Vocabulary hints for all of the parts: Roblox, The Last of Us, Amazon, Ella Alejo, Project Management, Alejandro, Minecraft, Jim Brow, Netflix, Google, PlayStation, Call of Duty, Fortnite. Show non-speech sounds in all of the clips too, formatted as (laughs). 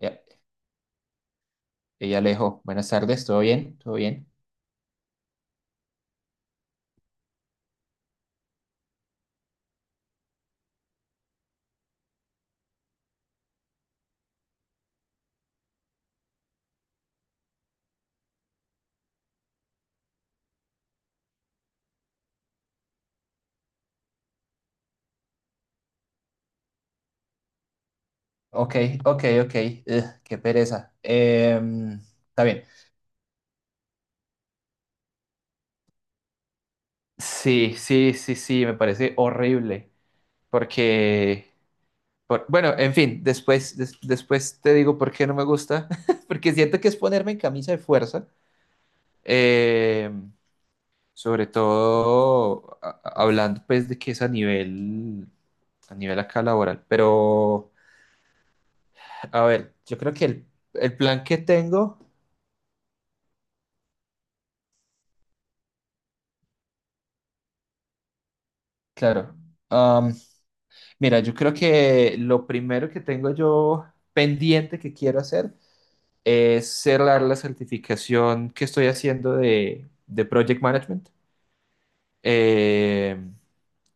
Ya, ella Alejo, buenas tardes, ¿todo bien? ¿Todo bien? Ok, ok, ok. Ugh, qué pereza. Está bien. Sí, sí, sí, sí, me parece horrible, porque, bueno, en fin, después, después te digo por qué no me gusta, (laughs) porque siento que es ponerme en camisa de fuerza. Eh, Sobre todo hablando pues de que es a nivel, acá laboral. Pero, a ver, yo creo que el plan que tengo, claro. am, Mira, yo creo que lo primero que tengo yo pendiente que quiero hacer es cerrar la certificación que estoy haciendo de Project Management. Eh,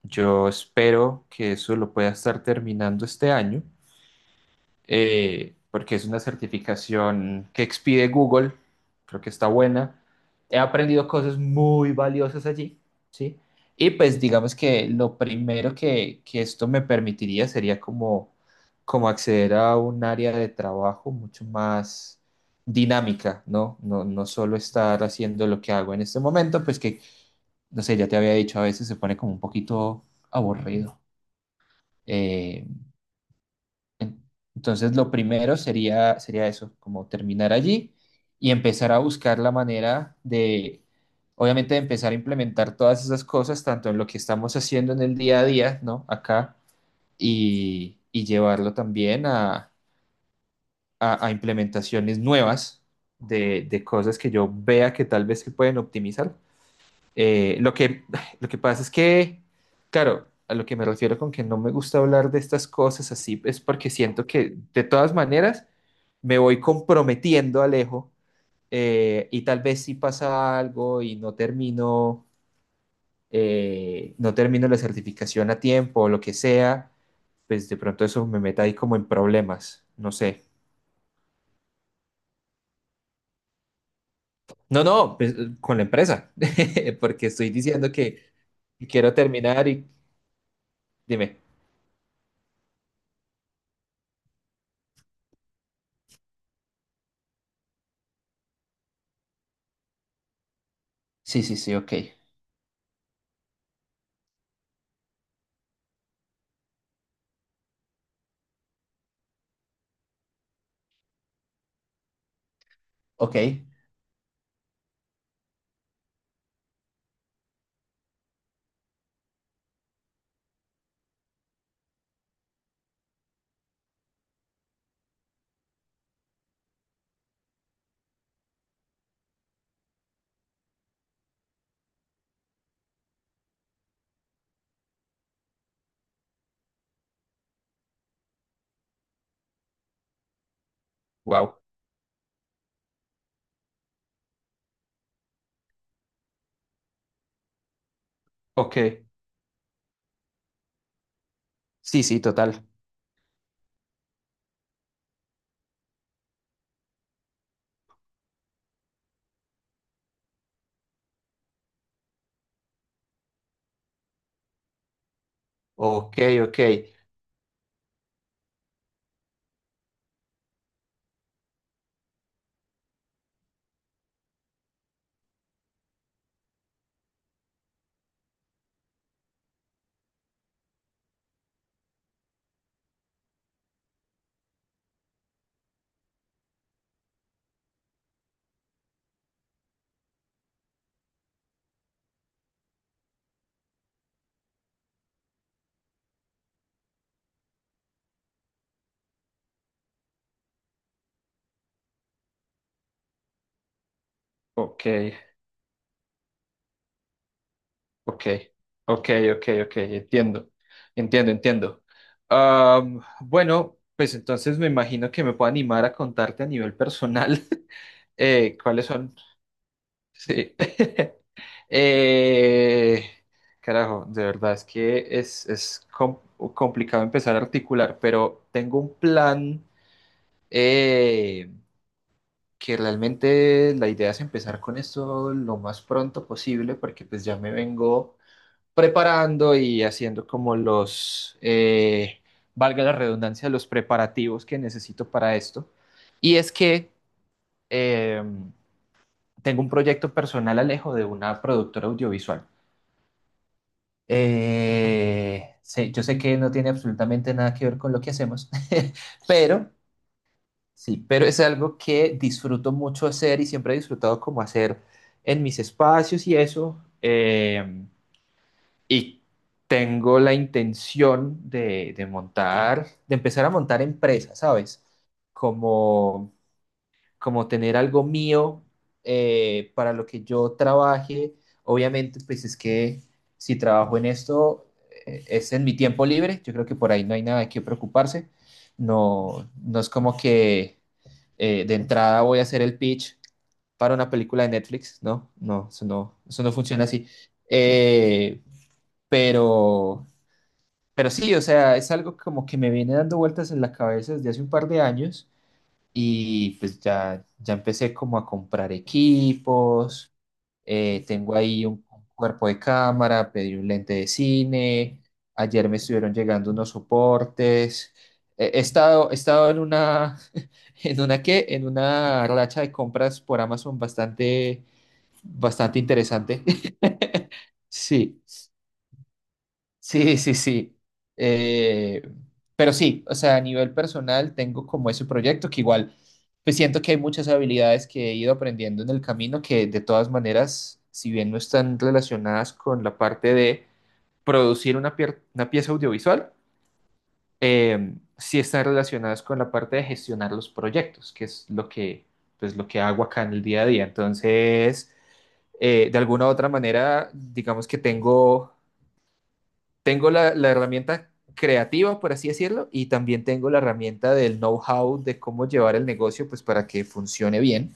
yo espero que eso lo pueda estar terminando este año. Porque es una certificación que expide Google, creo que está buena. He aprendido cosas muy valiosas allí, ¿sí? Y pues digamos que lo primero que esto me permitiría sería como, como acceder a un área de trabajo mucho más dinámica, ¿no? No, no solo estar haciendo lo que hago en este momento, pues que no sé, ya te había dicho, a veces se pone como un poquito aburrido. Eh, en- Entonces, lo primero sería, sería eso, como terminar allí y empezar a buscar la manera de, obviamente, de empezar a implementar todas esas cosas, tanto en lo que estamos haciendo en el día a día, ¿no? Acá, y llevarlo también a, a implementaciones nuevas de cosas que yo vea que tal vez se pueden optimizar. Lo que, (sighs) lo que pasa es que... Claro, a lo que me refiero con que no me gusta hablar de estas cosas así es porque siento que de todas maneras me voy comprometiendo, Alejo. Y tal vez si pasa algo y no termino, no termino la certificación a tiempo o lo que sea, pues de pronto eso me meta ahí como en problemas, no sé. No, no, pues, con la empresa, (laughs) porque estoy diciendo que quiero terminar y dime. Sí, sí, sí, ok, ok, wow, ok, sí, sí, total, ok, ok, ok. Ok, ok, ok, ok, entiendo, entiendo, entiendo. Bueno, pues entonces me imagino que me puedo animar a contarte a nivel personal, (laughs) cuáles son. Sí. (laughs) Eh, carajo, de verdad es que es, complicado empezar a articular, pero tengo un plan, eh, que realmente la idea es empezar con esto lo más pronto posible, porque pues ya me vengo preparando y haciendo como los, valga la redundancia, los preparativos que necesito para esto. Y es que eh, tengo un proyecto personal, Alejo, de una productora audiovisual. Yo sé que no tiene absolutamente nada que ver con lo que hacemos, (laughs) pero sí, pero es algo que disfruto mucho hacer y siempre he disfrutado como hacer en mis espacios y eso. Y tengo la intención de montar, de empezar a montar empresas, ¿sabes? Como, como tener algo mío para lo que yo trabaje. Obviamente, pues es que si trabajo en esto, es en mi tiempo libre. Yo creo que por ahí no hay nada de qué preocuparse. No, no es como que de entrada voy a hacer el pitch para una película de Netflix, ¿no? No, eso no, eso no funciona así. Eh, pero pero sí, o sea, es algo como que me viene dando vueltas en la cabeza desde hace un par de años y pues ya, ya empecé como a comprar equipos, tengo ahí un, cuerpo de cámara, pedí un lente de cine, ayer me estuvieron llegando unos soportes. He estado en una, (laughs) en una qué, en una racha de compras por Amazon bastante, bastante interesante. (laughs) Sí. Sí, sí, sí. Eh, pero sí, o sea, a nivel personal tengo como ese proyecto que igual, pues siento que hay muchas habilidades que he ido aprendiendo en el camino que de todas maneras, si bien no están relacionadas con la parte de producir una, una pieza audiovisual, sí están relacionadas con la parte de gestionar los proyectos, que es lo que, pues, lo que hago acá en el día a día. Entonces, de alguna u otra manera, digamos que tengo la herramienta creativa, por así decirlo, y también tengo la herramienta del know-how de cómo llevar el negocio, pues para que funcione bien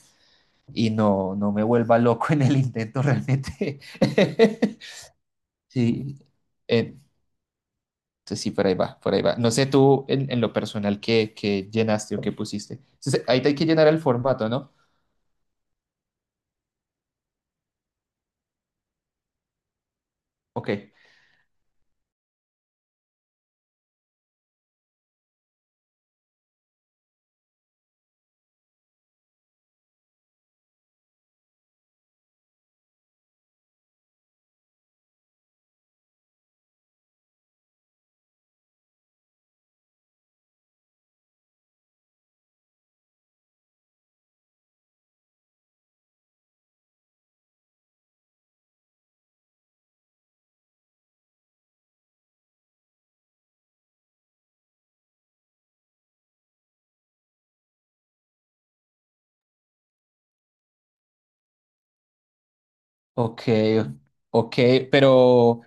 y no, no me vuelva loco en el intento realmente. (laughs) Sí, eh, entonces sí, por ahí va, por ahí va. No sé tú en lo personal qué llenaste o qué pusiste. Entonces, ahí te hay que llenar el formato, ¿no? Ok, ok, ok, pero,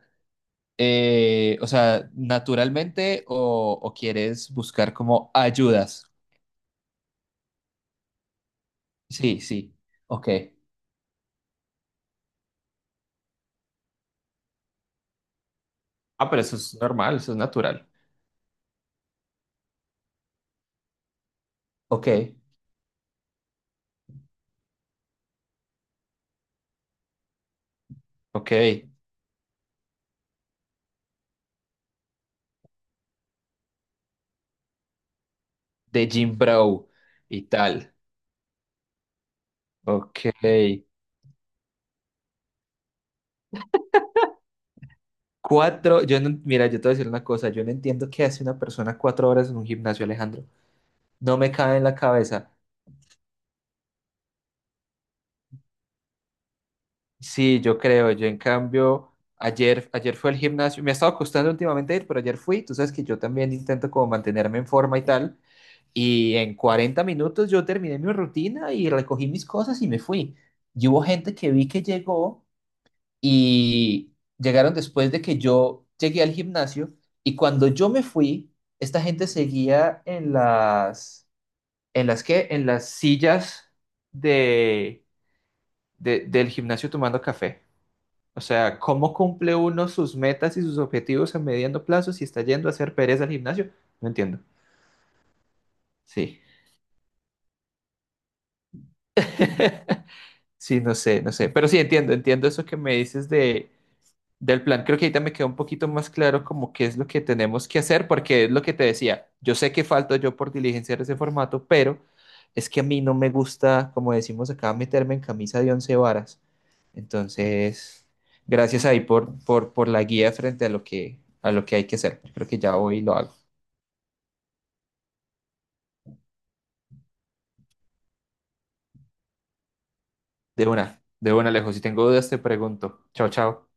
o sea, naturalmente o quieres buscar como ayudas. Sí, sí. Ok. Ah, pero eso es normal, eso es natural. Ok. Ok, de Jim Brow y tal. Ok. Cuatro, yo no, mira, yo te voy a decir una cosa, yo no entiendo qué hace una persona 4 horas en un gimnasio, Alejandro. No me cabe en la cabeza. Sí, yo creo. Yo, en cambio, ayer, ayer fue al gimnasio. Me ha estado costando últimamente ir, pero ayer fui. Tú sabes que yo también intento como mantenerme en forma y tal. Y en 40 minutos yo terminé mi rutina y recogí mis cosas y me fui. Y hubo gente que vi que llegó y llegaron después de que yo llegué al gimnasio. Y cuando yo me fui, esta gente seguía ¿en las qué? En las sillas de, del gimnasio tomando café. O sea, ¿cómo cumple uno sus metas y sus objetivos a mediano plazo si está yendo a hacer pereza al gimnasio? No entiendo. Sí. (laughs) Sí, no sé, no sé. Pero sí entiendo, entiendo eso que me dices de, del plan. Creo que ahorita me queda un poquito más claro como qué es lo que tenemos que hacer, porque es lo que te decía. Yo sé que falto yo por diligenciar ese formato, pero es que a mí no me gusta, como decimos acá, meterme en camisa de once varas. Entonces, gracias ahí por la guía frente a lo que hay que hacer. Creo que ya hoy lo hago. De una, Alejo. Si tengo dudas, te pregunto. Chao, chao.